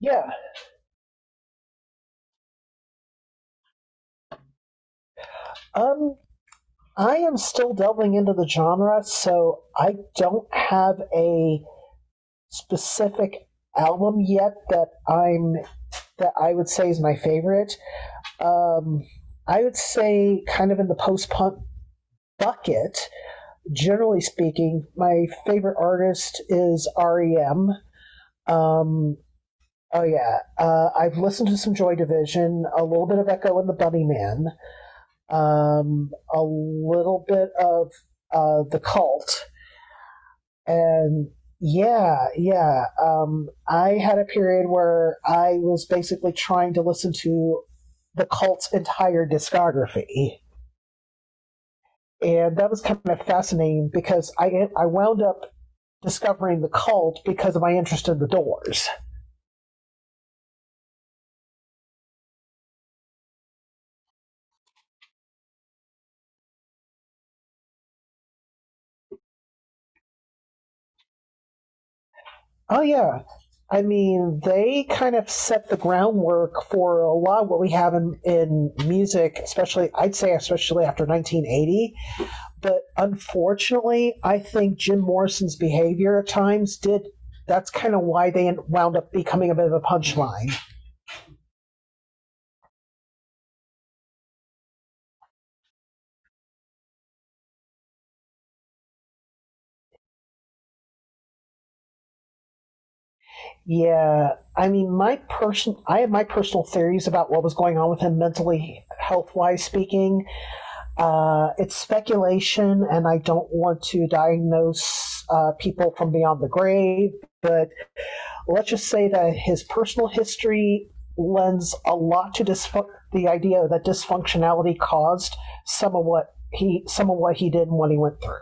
Yeah. Um, I am still delving into the genre, so I don't have a specific album yet that I would say is my favorite. Um, I would say kind of in the post punk bucket. Generally speaking, my favorite artist is REM. Um, oh yeah, I've listened to some Joy Division, a little bit of Echo and the Bunny Man. A little bit of the cult, and yeah, yeah. I had a period where I was basically trying to listen to the cult's entire discography, and that was kind of fascinating because I wound up discovering the cult because of my interest in the Doors. Oh yeah. I mean, they kind of set the groundwork for a lot of what we have in music, especially, I'd say, especially after 1980. But unfortunately, I think Jim Morrison's behavior at times did. That's kind of why they wound up becoming a bit of a punchline. Yeah, I mean, I have my personal theories about what was going on with him mentally, health wise speaking. It's speculation, and I don't want to diagnose people from beyond the grave, but let's just say that his personal history lends a lot to dysf- the idea that dysfunctionality caused some of what he did and what he went through.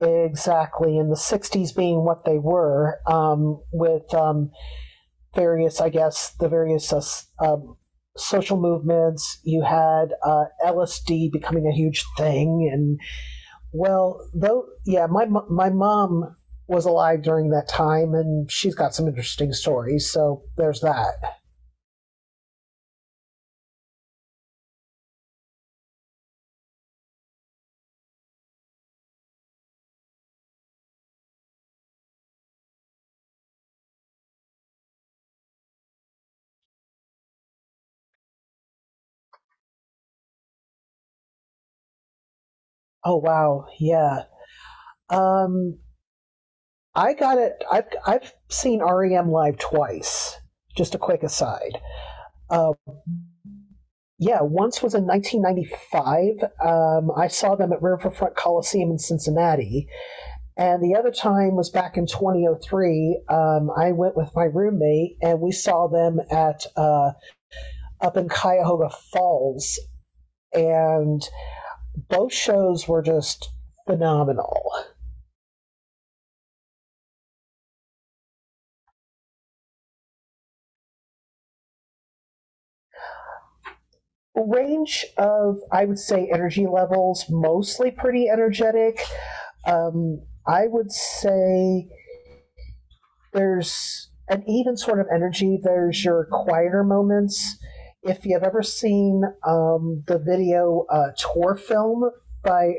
Exactly, in the 60s being what they were, with various, I guess, the various social movements. You had LSD becoming a huge thing, and yeah, my mom was alive during that time, and she's got some interesting stories. So there's that. Oh wow, yeah. Um, I got it. I've seen REM live twice. Just a quick aside. Uh, Yeah, once was in 1995. I saw them at Riverfront Coliseum in Cincinnati. And the other time was back in 2003. I went with my roommate and we saw them at up in Cuyahoga Falls. And both shows were just phenomenal. Range of, I would say, energy levels, mostly pretty energetic. Um, I would say there's an even sort of energy. There's your quieter moments. If you've ever seen the video tour film by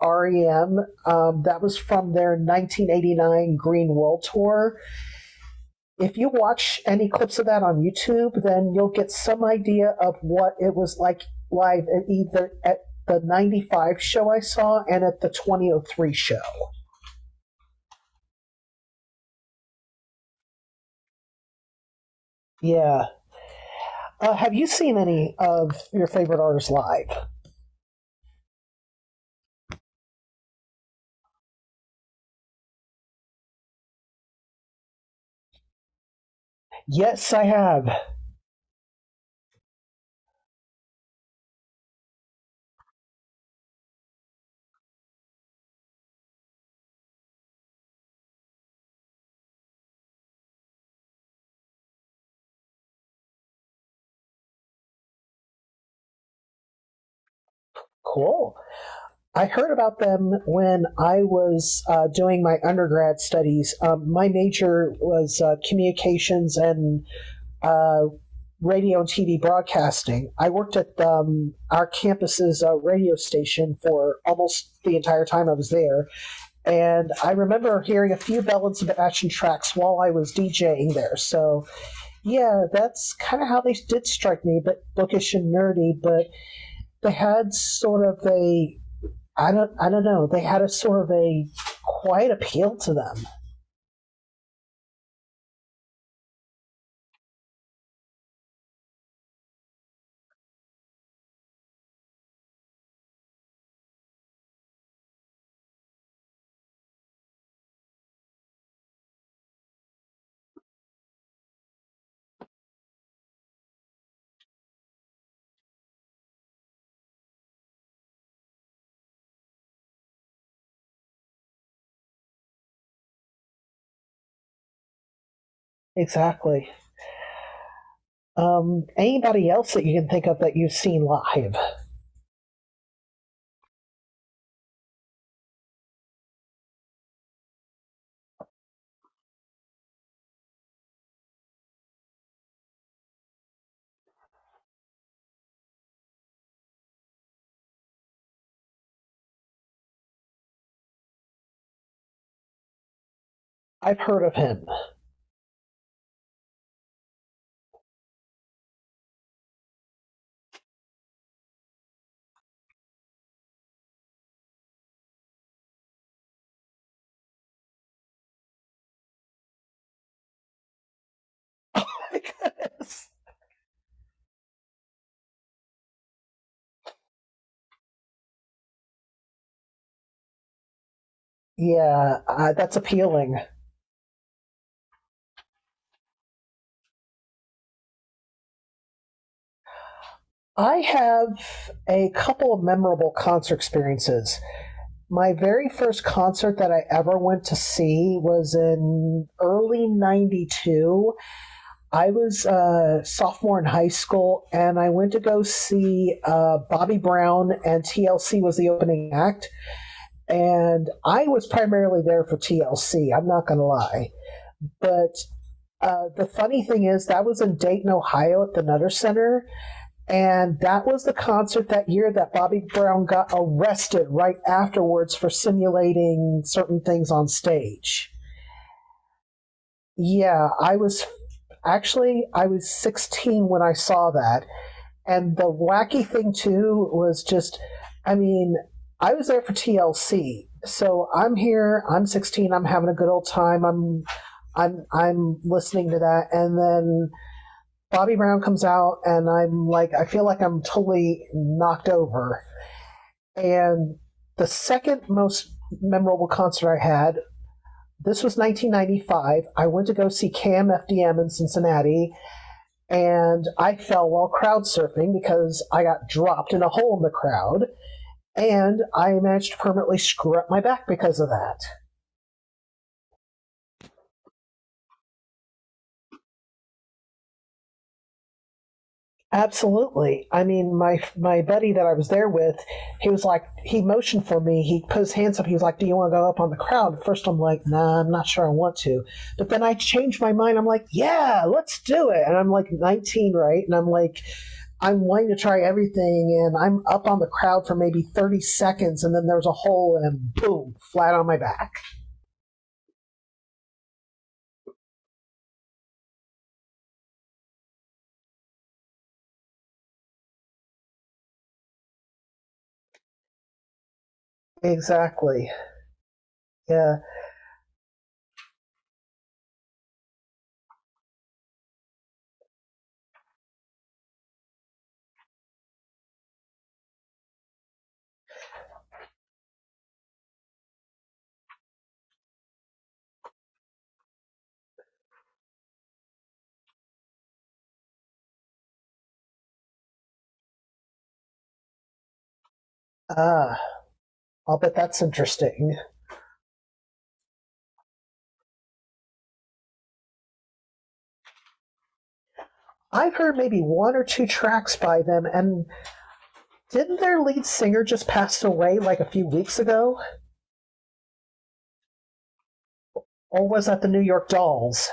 REM, that was from their 1989 Green World Tour. If you watch any clips of that on YouTube, then you'll get some idea of what it was like live at either at the 95 show I saw and at the 2003 show. Yeah. Have you seen any of your favorite artists live? Yes, I have. Cool. I heard about them when I was doing my undergrad studies. My major was communications and uh, radio and TV broadcasting. I worked at our campus's radio station for almost the entire time I was there, and I remember hearing a few Bell and Sebastian tracks while I was DJing there. So yeah, that's kind of how they did strike me, but bookish and nerdy, but they had sort of a I don't know they had a sort of a quiet appeal to them. Exactly. Anybody else that you can think of that you've seen live? I've heard of him. Yeah, that's appealing. I have a couple of memorable concert experiences. My very first concert that I ever went to see was in early 92. I was a sophomore in high school, and I went to go see Bobby Brown, and TLC was the opening act. And I was primarily there for TLC, I'm not going to lie. But the funny thing is, that was in Dayton, Ohio at the Nutter Center. And that was the concert that year that Bobby Brown got arrested right afterwards for simulating certain things on stage. Yeah, I was 16 when I saw that. And the wacky thing too was just, I mean, I was there for TLC, so I'm here. I'm 16. I'm having a good old time. I'm listening to that, and then Bobby Brown comes out, and I'm like, I feel like I'm totally knocked over. And the second most memorable concert I had. This was 1995. I went to go see Cam FDM in Cincinnati and I fell while crowd surfing because I got dropped in a hole in the crowd, and I managed to permanently screw up my back because of that. Absolutely. I mean, my buddy that I was there with, he was like, he motioned for me. He put his hands up. He was like, "Do you want to go up on the crowd?" First, I'm like, "Nah, I'm not sure I want to." But then I changed my mind. I'm like, "Yeah, let's do it." And I'm like 19, right? And I'm like, I'm wanting to try everything and I'm up on the crowd for maybe 30 seconds and then there's a hole and boom, flat on my back. Exactly. Yeah. Ah, I'll bet that's interesting. I've heard maybe one or two tracks by them and didn't their lead singer just pass away like a few weeks ago? Or was that the New York Dolls?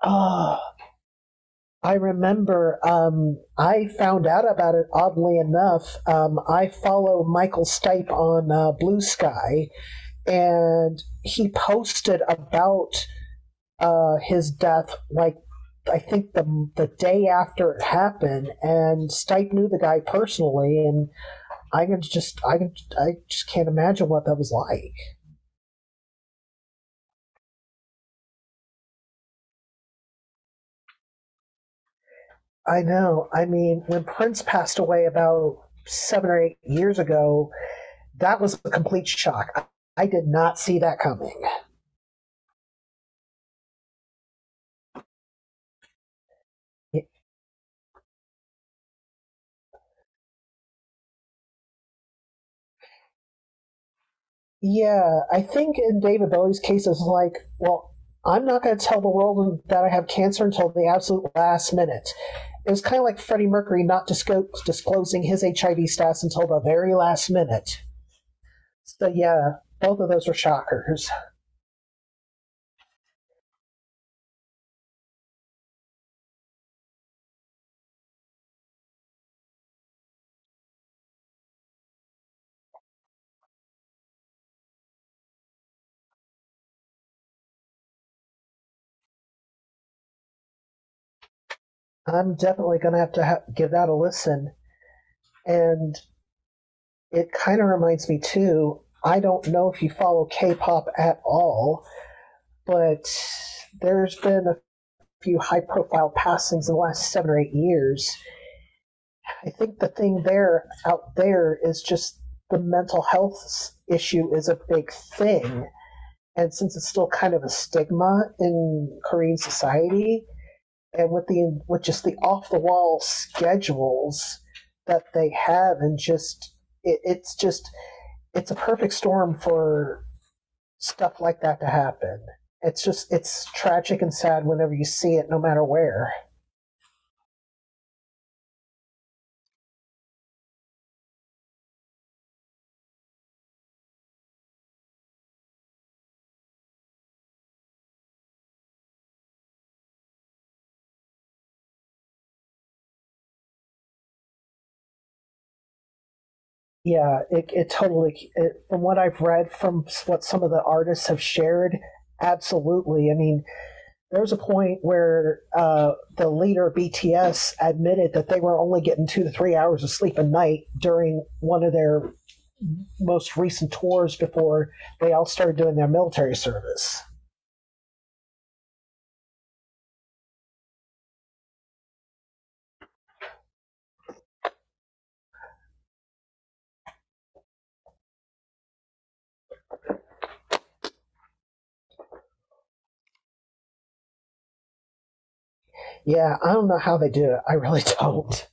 Ah. I remember I found out about it oddly enough. I follow Michael Stipe on Blue Sky, and he posted about his death like I think the day after it happened, and Stipe knew the guy personally, and I can just I can I just can't imagine what that was like. I know. I mean, when Prince passed away about 7 or 8 years ago, that was a complete shock. I did not see that coming. Yeah, I think in David Bowie's case, it's like, well, I'm not going to tell the world that I have cancer until the absolute last minute. It was kind of like Freddie Mercury not disclosing his HIV status until the very last minute. So, yeah, both of those were shockers. I'm definitely going to have to give that a listen. And it kind of reminds me too. I don't know if you follow K-pop at all, but there's been a few high-profile passings in the last 7 or 8 years. I think the thing there out there is just the mental health issue is a big thing, and since it's still kind of a stigma in Korean society, and with the with just the off-the-wall schedules that they have, and just it's just it's a perfect storm for stuff like that to happen. It's just it's tragic and sad whenever you see it, no matter where. Yeah, it totally. It, from what I've read, from what some of the artists have shared, absolutely. I mean, there was a point where the leader of BTS admitted that they were only getting 2 to 3 hours of sleep a night during one of their most recent tours before they all started doing their military service. Yeah, I don't know how they do it. I really don't.